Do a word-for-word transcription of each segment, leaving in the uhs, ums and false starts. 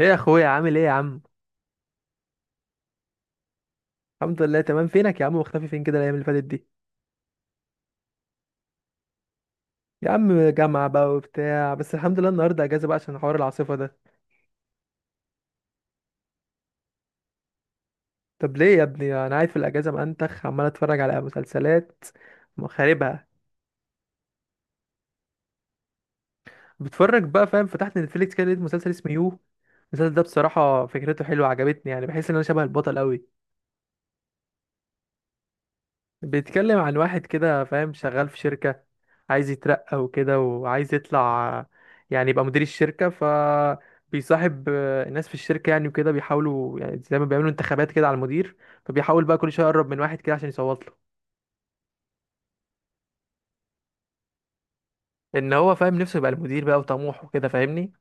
ايه يا اخويا، عامل ايه يا عم؟ الحمد لله تمام. فينك يا عم؟ مختفي فين كده الايام اللي فاتت دي؟ يا عم جامعة بقى وبتاع، بس الحمد لله النهارده اجازة بقى عشان حوار العاصفة ده. طب ليه يا ابني؟ انا قاعد في الاجازة منتخ، عمال اتفرج على مسلسلات خاربها. بتفرج بقى، فاهم؟ فتحت نتفليكس كده لقيت مسلسل اسمه يو. المسلسل ده بصراحة فكرته حلوة، عجبتني. يعني بحس ان انا شبه البطل قوي. بيتكلم عن واحد كده، فاهم، شغال في شركة، عايز يترقى وكده، وعايز يطلع يعني يبقى مدير الشركة. فبيصاحب آه، الناس في الشركة يعني، وكده بيحاولوا، يعني زي ما بيعملوا انتخابات كده على المدير، فبيحاول بقى كل شوية يقرب من واحد كده عشان يصوت له. ان هو فاهم نفسه يبقى المدير بقى، وطموح وكده، فاهمني؟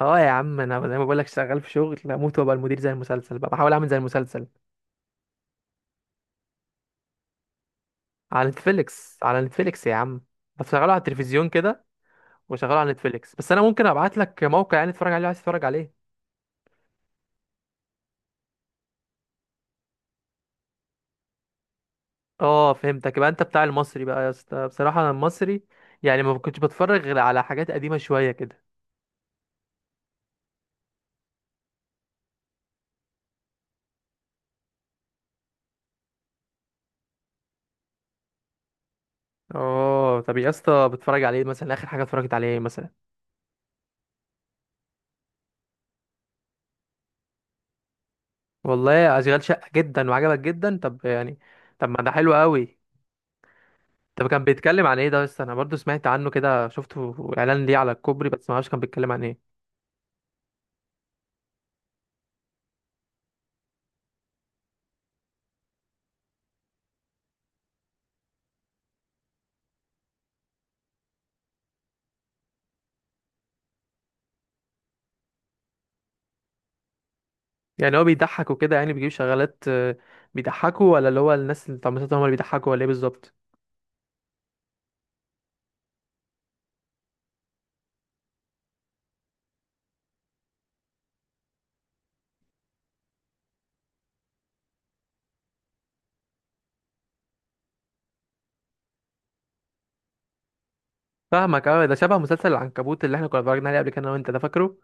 اه يا عم، انا زي ما بقولك شغال في شغل، اموت وابقى المدير زي المسلسل بقى، بحاول اعمل زي المسلسل. على نتفليكس، على نتفليكس يا عم. بشغله على التلفزيون كده، وشغله على نتفليكس. بس انا ممكن ابعت لك موقع يعني تتفرج عليه لو عايز تتفرج عليه. اه فهمتك، يبقى انت بتاع المصري بقى يا اسطى. بصراحه انا المصري يعني ما كنتش بتفرج غير على حاجات قديمه شويه كده. اه طب يا اسطى بتفرج على ايه مثلا؟ اخر حاجه اتفرجت على ايه مثلا؟ والله اشغال شقه جدا وعجبك جدا؟ طب يعني طب ما ده حلو قوي. طب كان بيتكلم عن ايه ده؟ بس انا برضو سمعت عنه كده، شفته اعلان ليه على الكوبري، بس ما اعرفش كان بيتكلم عن ايه. يعني هو بيضحك وكده؟ يعني بيجيب شغالات آه، بيضحكوا؟ ولا اللي هو الناس اللي بتاع مسلسل هم اللي بيضحكوا؟ ولا ايه بالظبط؟ فاهمك. اه ده شبه مسلسل العنكبوت اللي احنا كنا اتفرجنا عليه قبل كده انا وانت، ده فاكره؟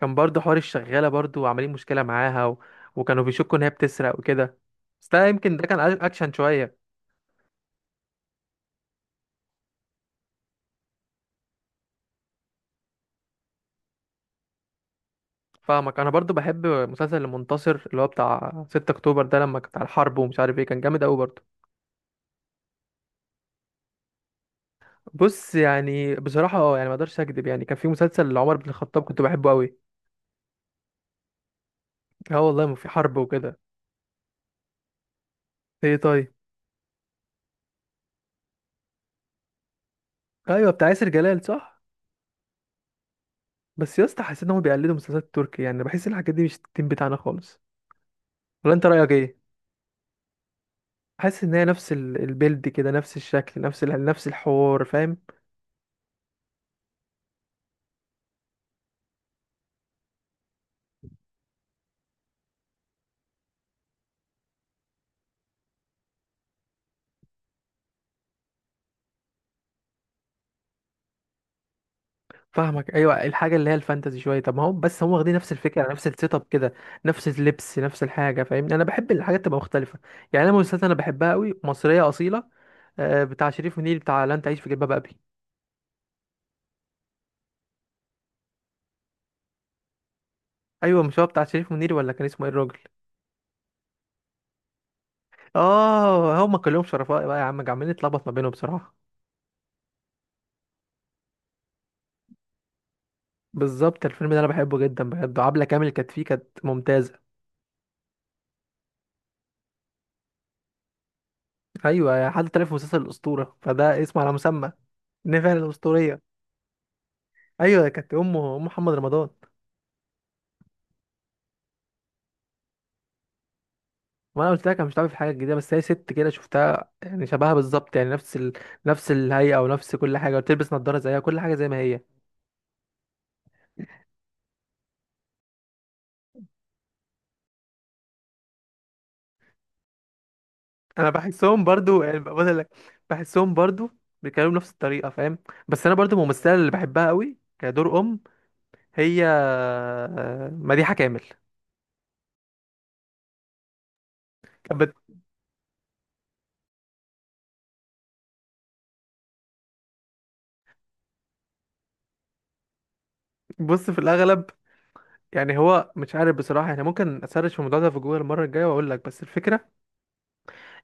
كان برضه حوار الشغالة برضه، وعاملين مشكلة معاها و... وكانوا بيشكوا ان هي بتسرق وكده. بس ده يمكن ده كان أ- اكشن شوية. فاهمك. انا برضه بحب مسلسل المنتصر، اللي هو بتاع ستة اكتوبر ده، لما كان بتاع الحرب ومش عارف ايه، كان جامد قوي برضه. بص يعني بصراحة اه، يعني ما اقدرش اكدب، يعني كان في مسلسل لعمر بن الخطاب كنت بحبه قوي. اه والله، ما في حرب وكده. ايه طيب؟ ايوه بتاع ياسر جلال، صح؟ بس يا اسطى حسيت انهم بيقلدوا مسلسلات تركي، يعني بحس الحاجات دي مش التيم بتاعنا خالص. ولا انت رأيك ايه؟ حاسس ان هي نفس ال- البيلد كده، نفس الشكل، نفس ال- نفس الحوار، فاهم؟ فاهمك ايوه، الحاجه اللي هي الفانتزي شويه. طب ما هو بس هم واخدين نفس الفكره، نفس السيت اب كده، نفس اللبس، نفس الحاجه، فاهمني؟ انا بحب الحاجات تبقى مختلفه. يعني انا مسلسلات انا بحبها قوي مصريه اصيله، آه، بتاع شريف منير، بتاع لا انت عايش في جلباب ابي. ايوه مش هو بتاع شريف منير؟ ولا كان اسمه ايه الراجل؟ اه هم كلهم شرفاء بقى يا عم، عمالين نتلخبط ما بينهم بصراحه. بالظبط، الفيلم ده انا بحبه جدا بجد، عبله كامل كانت فيه، كانت ممتازه. ايوه، حد طلع في مسلسل الاسطوره فده اسمه على مسمى، نفع الاسطوريه. ايوه كانت امه، ام محمد رمضان. ما انا قلت لك انا مش عارف حاجه جديده، بس هي ست كده شفتها، يعني شبهها بالظبط، يعني نفس ال... نفس الهيئه، ونفس كل حاجه، وتلبس نظاره زيها، كل حاجه زي ما هي. انا بحسهم برضو يعني، بقول لك بحسهم برضو بيتكلموا نفس الطريقه، فاهم؟ بس انا برضو الممثله اللي بحبها قوي كدور ام، هي آه، مديحه كامل. كانت بت- بص في الاغلب يعني هو مش عارف بصراحه، يعني ممكن اسرش في الموضوع ده في جوجل المره الجايه واقول لك. بس الفكره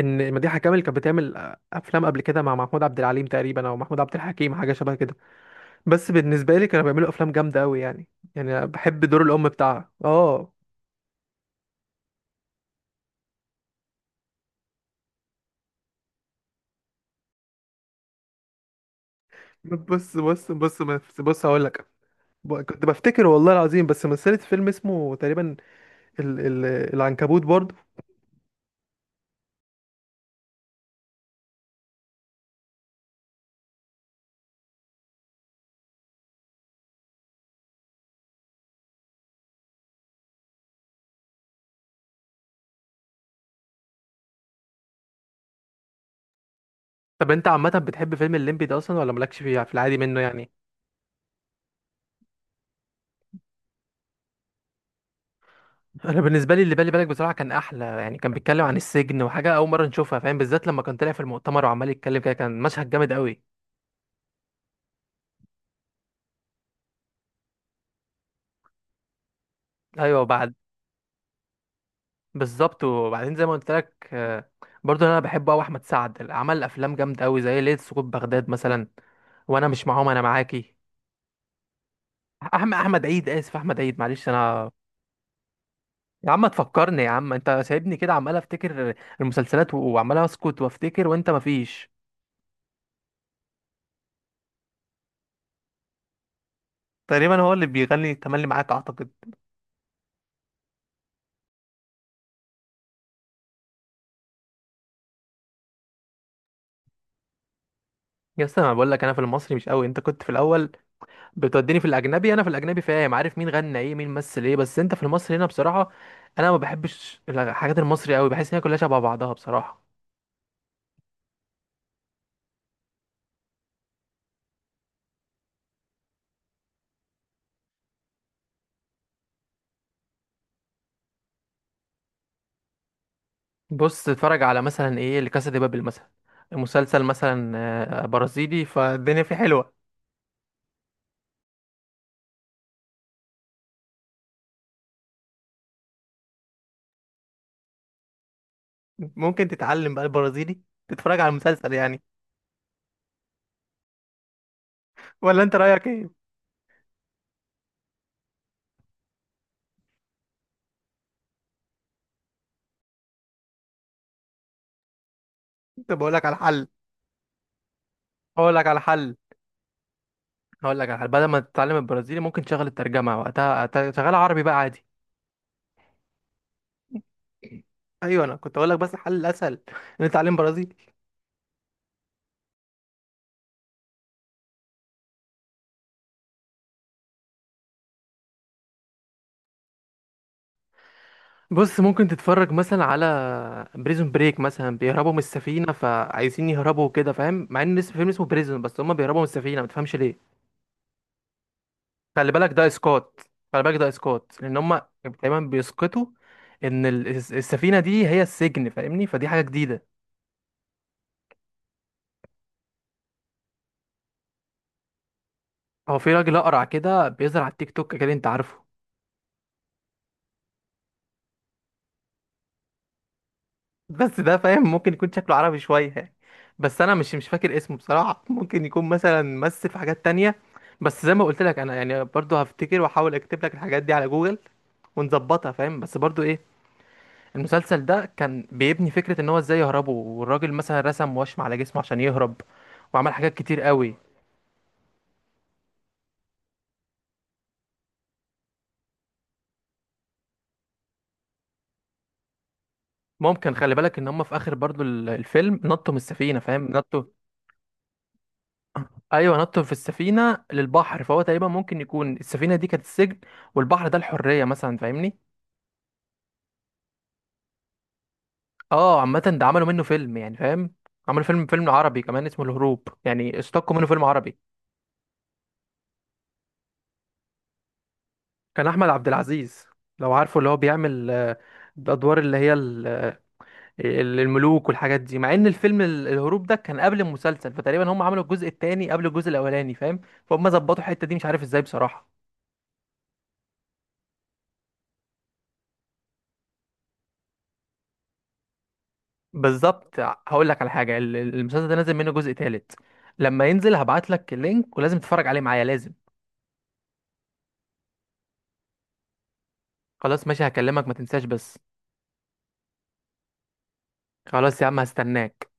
ان مديحه كامل كانت بتعمل آه، افلام قبل كده مع محمود عبد العليم تقريبا، او محمود عبد الحكيم، حاجه شبه كده. بس بالنسبه لي كانوا بيعملوا افلام جامده قوي يعني. يعني أنا بحب دور الام بتاعها، اه. بص بص بص بص بص هقول لك. ب- كنت بفتكر والله العظيم، بس مثلت فيلم اسمه تقريبا ال ال العنكبوت برضه. طب انت عامه بتحب فيلم الليمبي ده اصلا؟ ولا مالكش فيه في العادي منه يعني؟ انا بالنسبه لي اللي بالي بالك بصراحه كان احلى، يعني كان بيتكلم عن السجن، وحاجه اول مره نشوفها، فاهم؟ بالذات لما كان طلع في المؤتمر وعمال يتكلم كده، كان مشهد جامد قوي. ايوه بعد. بالظبط، وبعدين زي ما قلت لك آه، برضو انا بحب قوي احمد سعد، عمل افلام جامده قوي زي ليله سقوط بغداد مثلا. وانا مش معاهم، انا معاكي. احمد احمد عيد، اسف، احمد عيد، معلش انا. يا عم تفكرني يا عم، انت سايبني كده عمال افتكر المسلسلات و- وعمال اسكت وافتكر، وانت مفيش. تقريبا هو اللي بيغني تملي معاك، اعتقد. يا اسطى انا بقول لك انا في المصري مش قوي، انت كنت في الاول بتوديني في الاجنبي، انا في الاجنبي فاهم، عارف مين غنى ايه، مين مثل ايه، بس انت في المصري هنا بصراحه انا ما بحبش الحاجات المصري قوي، بحس ان هي كلها شبه بعضها بصراحه. بص تتفرج على مثلا ايه، لكاسا دي بابل مثلا، مسلسل مثلا آه، برازيلي، فالدنيا فيه حلوه. ممكن تتعلم بقى البرازيلي، تتفرج على المسلسل يعني. ولا انت رايك ايه؟ كنت بقول لك على حل. اقول لك على حل، هقول لك على حل، بدل ما تتعلم البرازيلي ممكن تشغل الترجمه، وقتها شغال عربي بقى عادي. ايوه انا كنت اقول لك، بس الحل الاسهل ان أنت تتعلم برازيلي. بص ممكن تتفرج مثلا على بريزون بريك مثلا، بيهربوا من السفينة، فعايزين يهربوا كده، فاهم؟ مع ان اسم فيلم اسمه بريزون، بس هما بيهربوا من السفينة، متفهمش ليه. خلي بالك ده اسقاط، خلي بالك ده اسقاط، لان هما دايما بيسقطوا ان ال- الس- السفينة دي هي السجن، فاهمني؟ فدي حاجة جديدة. هو في راجل اقرع كده بيظهر على التيك توك كده، انت عارفه؟ بس ده فاهم ممكن يكون شكله عربي شوية يعني، بس انا مش مش فاكر اسمه بصراحة، ممكن يكون مثلا مثل في حاجات تانية. بس زي ما قلت لك انا يعني برضو هفتكر واحاول اكتب لك الحاجات دي على جوجل ونظبطها، فاهم؟ بس برضو ايه، المسلسل ده كان بيبني فكرة ان هو ازاي يهربوا، والراجل مثلا رسم وشم على جسمه عشان يهرب، وعمل حاجات كتير قوي. ممكن، خلي بالك ان هم في اخر برضو ال- الفيلم نطوا من السفينة، فاهم؟ نطوا. ايوه نطوا في السفينة للبحر، فهو تقريبا ممكن يكون السفينة دي كانت السجن، والبحر ده الحرية مثلا، فاهمني؟ اه عامة ده عملوا منه فيلم يعني، فاهم؟ عملوا فيلم فيلم عربي كمان اسمه الهروب، يعني استقوا منه فيلم عربي. كان احمد عبد العزيز، لو عارفه اللي هو بيعمل آه، الادوار اللي هي ال- ال- الملوك والحاجات دي. مع ان الفيلم ال- الهروب ده كان قبل المسلسل، فتقريبا هم عملوا الجزء الثاني قبل الجزء الاولاني، فاهم؟ فهم ظبطوا الحتة دي مش عارف ازاي بصراحة. بالظبط. هقول لك على حاجة، ال- ال- المسلسل ده نازل منه جزء ثالث، لما ينزل هبعت لك اللينك، ولازم تتفرج عليه معايا، لازم. خلاص ماشي هكلمك، ما تنساش بس. خلاص يا عم هستناك.